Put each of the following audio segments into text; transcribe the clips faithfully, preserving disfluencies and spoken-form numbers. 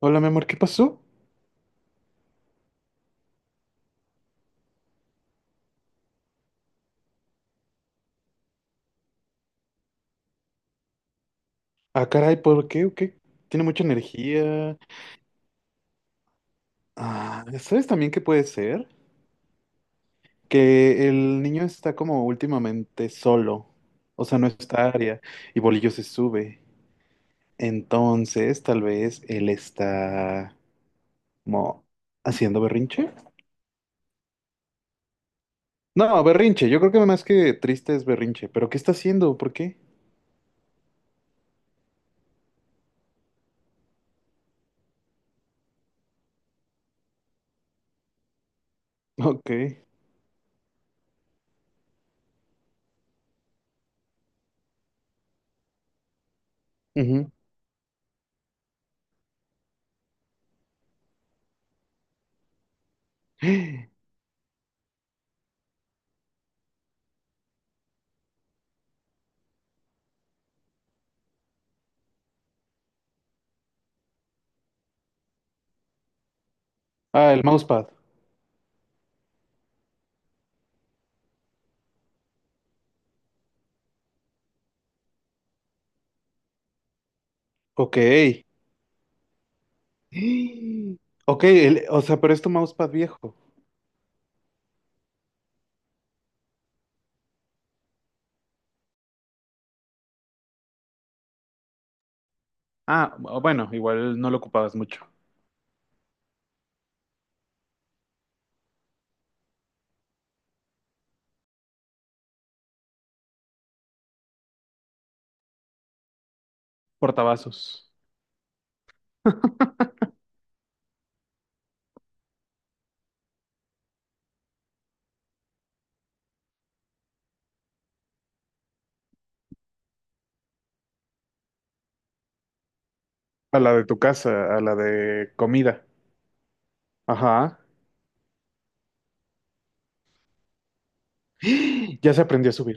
Hola, mi amor, ¿qué pasó? Ah, caray, ¿por qué? ¿O qué? Tiene mucha energía. Ah, ¿sabes también qué puede ser? Que el niño está como últimamente solo. O sea, no está área. Y Bolillo se sube. Entonces, tal vez él está como haciendo berrinche. No, berrinche. Yo creo que más que triste es berrinche. ¿Pero qué está haciendo? ¿Por qué? Ok. Ujú. Ah, el mousepad. Ok. Ok, el- o sea, pero es tu mousepad viejo. Ah, bueno, igual no lo ocupabas mucho. Portavasos. A la de tu casa, a la de comida. Ajá. Ya se aprendió a subir.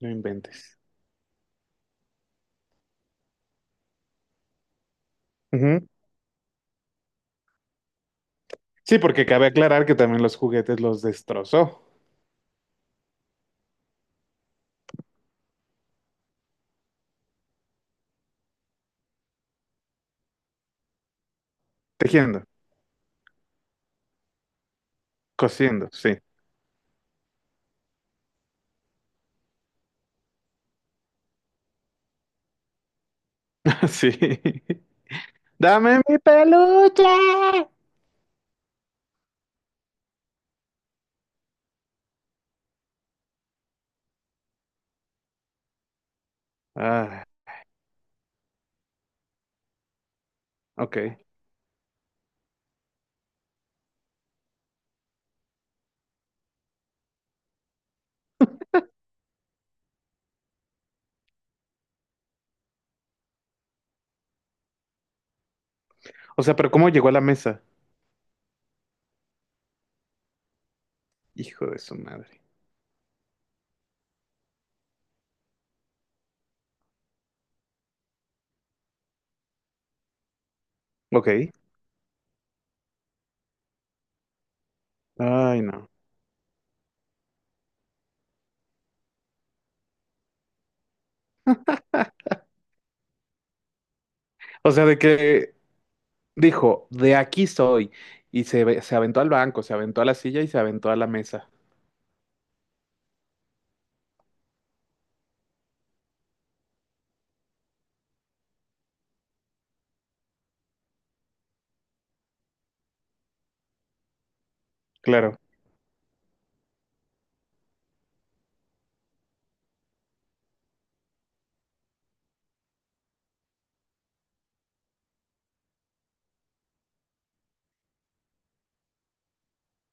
No inventes. Ujú. Sí, porque cabe aclarar que también los juguetes los destrozó. Tejiendo, cosiendo, sí. Sí. ¡Dame mi peluche! Ah, ok. O sea, pero ¿cómo llegó a la mesa? Hijo de su madre. Ok. Ay, no. O sea, de que dijo, de aquí soy. Y se, ve- se aventó al banco, se aventó a la silla y se aventó a la mesa. Claro.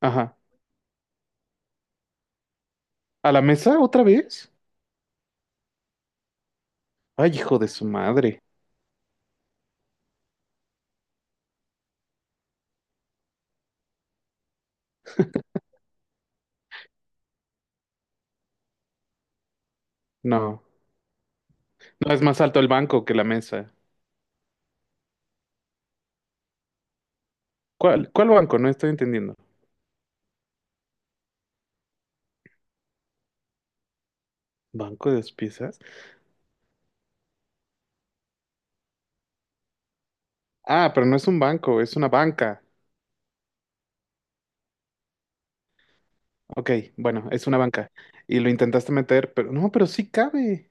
Ajá. ¿A la mesa otra vez? Ay, hijo de su madre. No. No es más alto el banco que la mesa. ¿Cuál, cuál banco? No estoy entendiendo. ¿Banco de dos piezas? Ah, pero no es un banco, es una banca. Ok, bueno, es una banca. Y lo intentaste meter, pero no, pero sí cabe.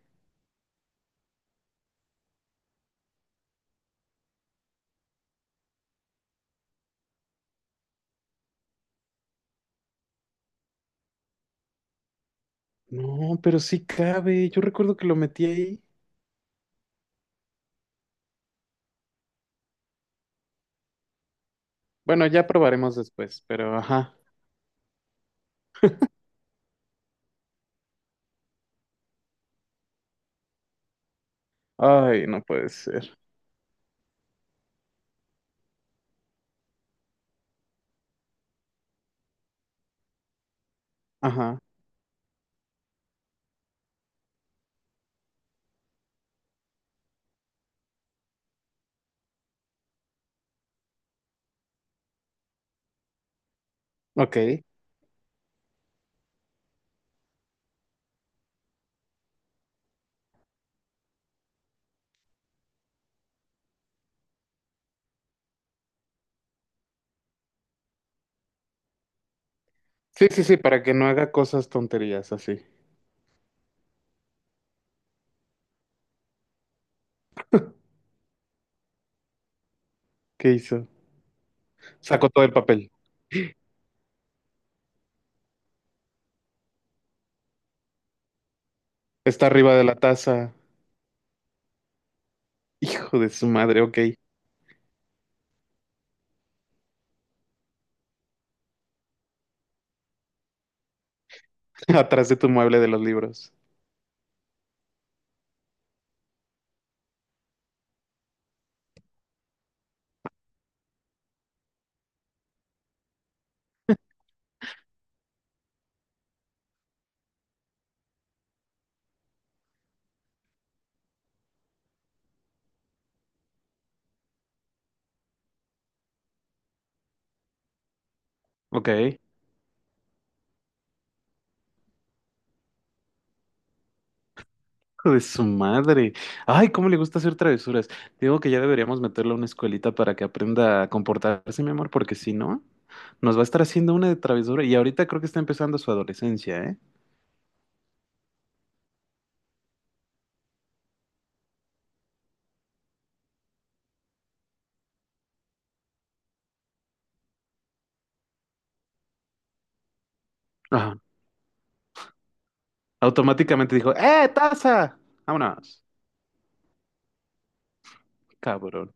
No, pero sí cabe. Yo recuerdo que lo metí ahí. Bueno, ya probaremos después, pero ajá. Ay, no puede ser. Ajá. Ok. Sí, sí, sí, para que no haga cosas tonterías así. ¿Qué hizo? Sacó todo el papel. Está arriba de la taza. Hijo de su madre, ok. Atrás de tu mueble de los libros. Ok. Hijo de su madre. Ay, cómo le gusta hacer travesuras. Digo que ya deberíamos meterle a una escuelita para que aprenda a comportarse, mi amor, porque si no, nos va a estar haciendo una de travesura. Y ahorita creo que está empezando su adolescencia, ¿eh? Ajá. Automáticamente dijo, ¡eh, taza! Vámonos. Cabrón.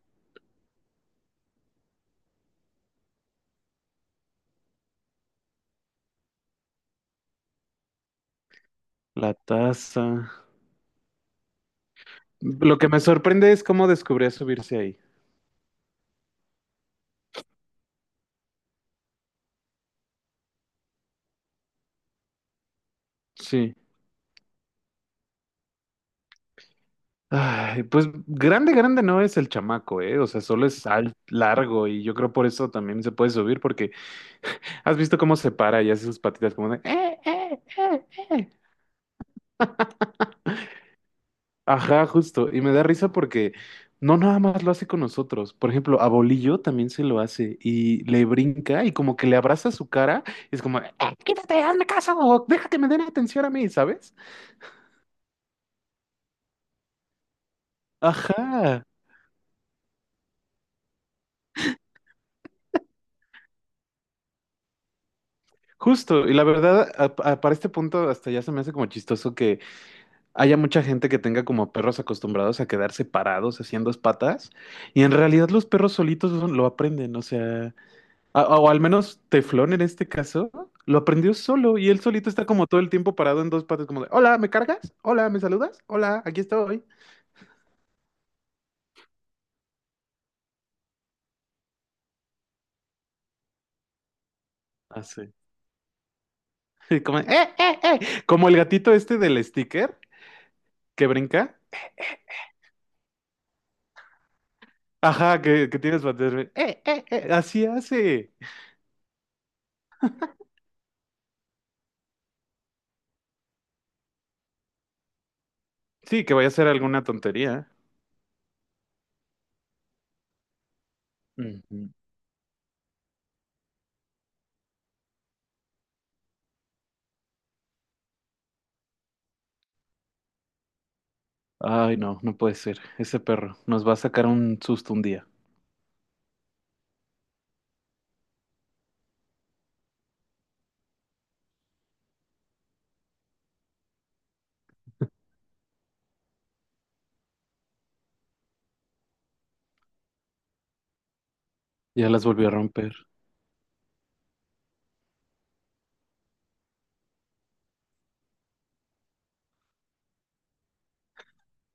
La taza. Lo que me sorprende es cómo descubrió subirse ahí. Sí. Ay, pues grande, grande no es el chamaco, ¿eh? O sea, solo es al largo y yo creo por eso también se puede subir porque has visto cómo se para y hace sus patitas como de... "Eh, eh, eh, eh". Ajá, justo. Y me da risa porque no nada más lo hace con nosotros. Por ejemplo, a Bolillo también se lo hace y le brinca y como que le abraza su cara, y es como, "Eh, quítate, hazme caso, déjate, me den atención a mí, ¿sabes? Ajá. Justo, y la verdad, a- a- para este punto hasta ya se me hace como chistoso que haya mucha gente que tenga como perros acostumbrados a quedarse parados haciendo dos patas, y en realidad los perros solitos lo lo aprenden, o sea, a- o al menos Teflón en este caso, lo aprendió solo, y él solito está como todo el tiempo parado en dos patas, como de, hola, ¿me cargas? Hola, ¿me saludas? Hola, aquí estoy. Así, como, "Eh, eh, eh", como el gatito este del sticker que brinca, ajá, que, que tienes, eh, eh, eh, así hace. Sí, que vaya a ser alguna tontería. Ujú. Ay, no, no puede ser. Ese perro nos va a sacar un susto un día. Ya las volvió a romper.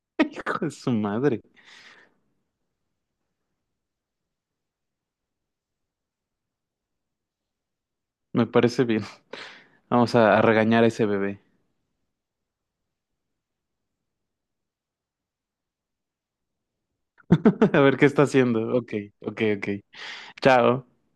Hijo de su madre. Me parece bien. Vamos a, a regañar a ese bebé. A ver qué está haciendo. Ok, ok, ok. Chao.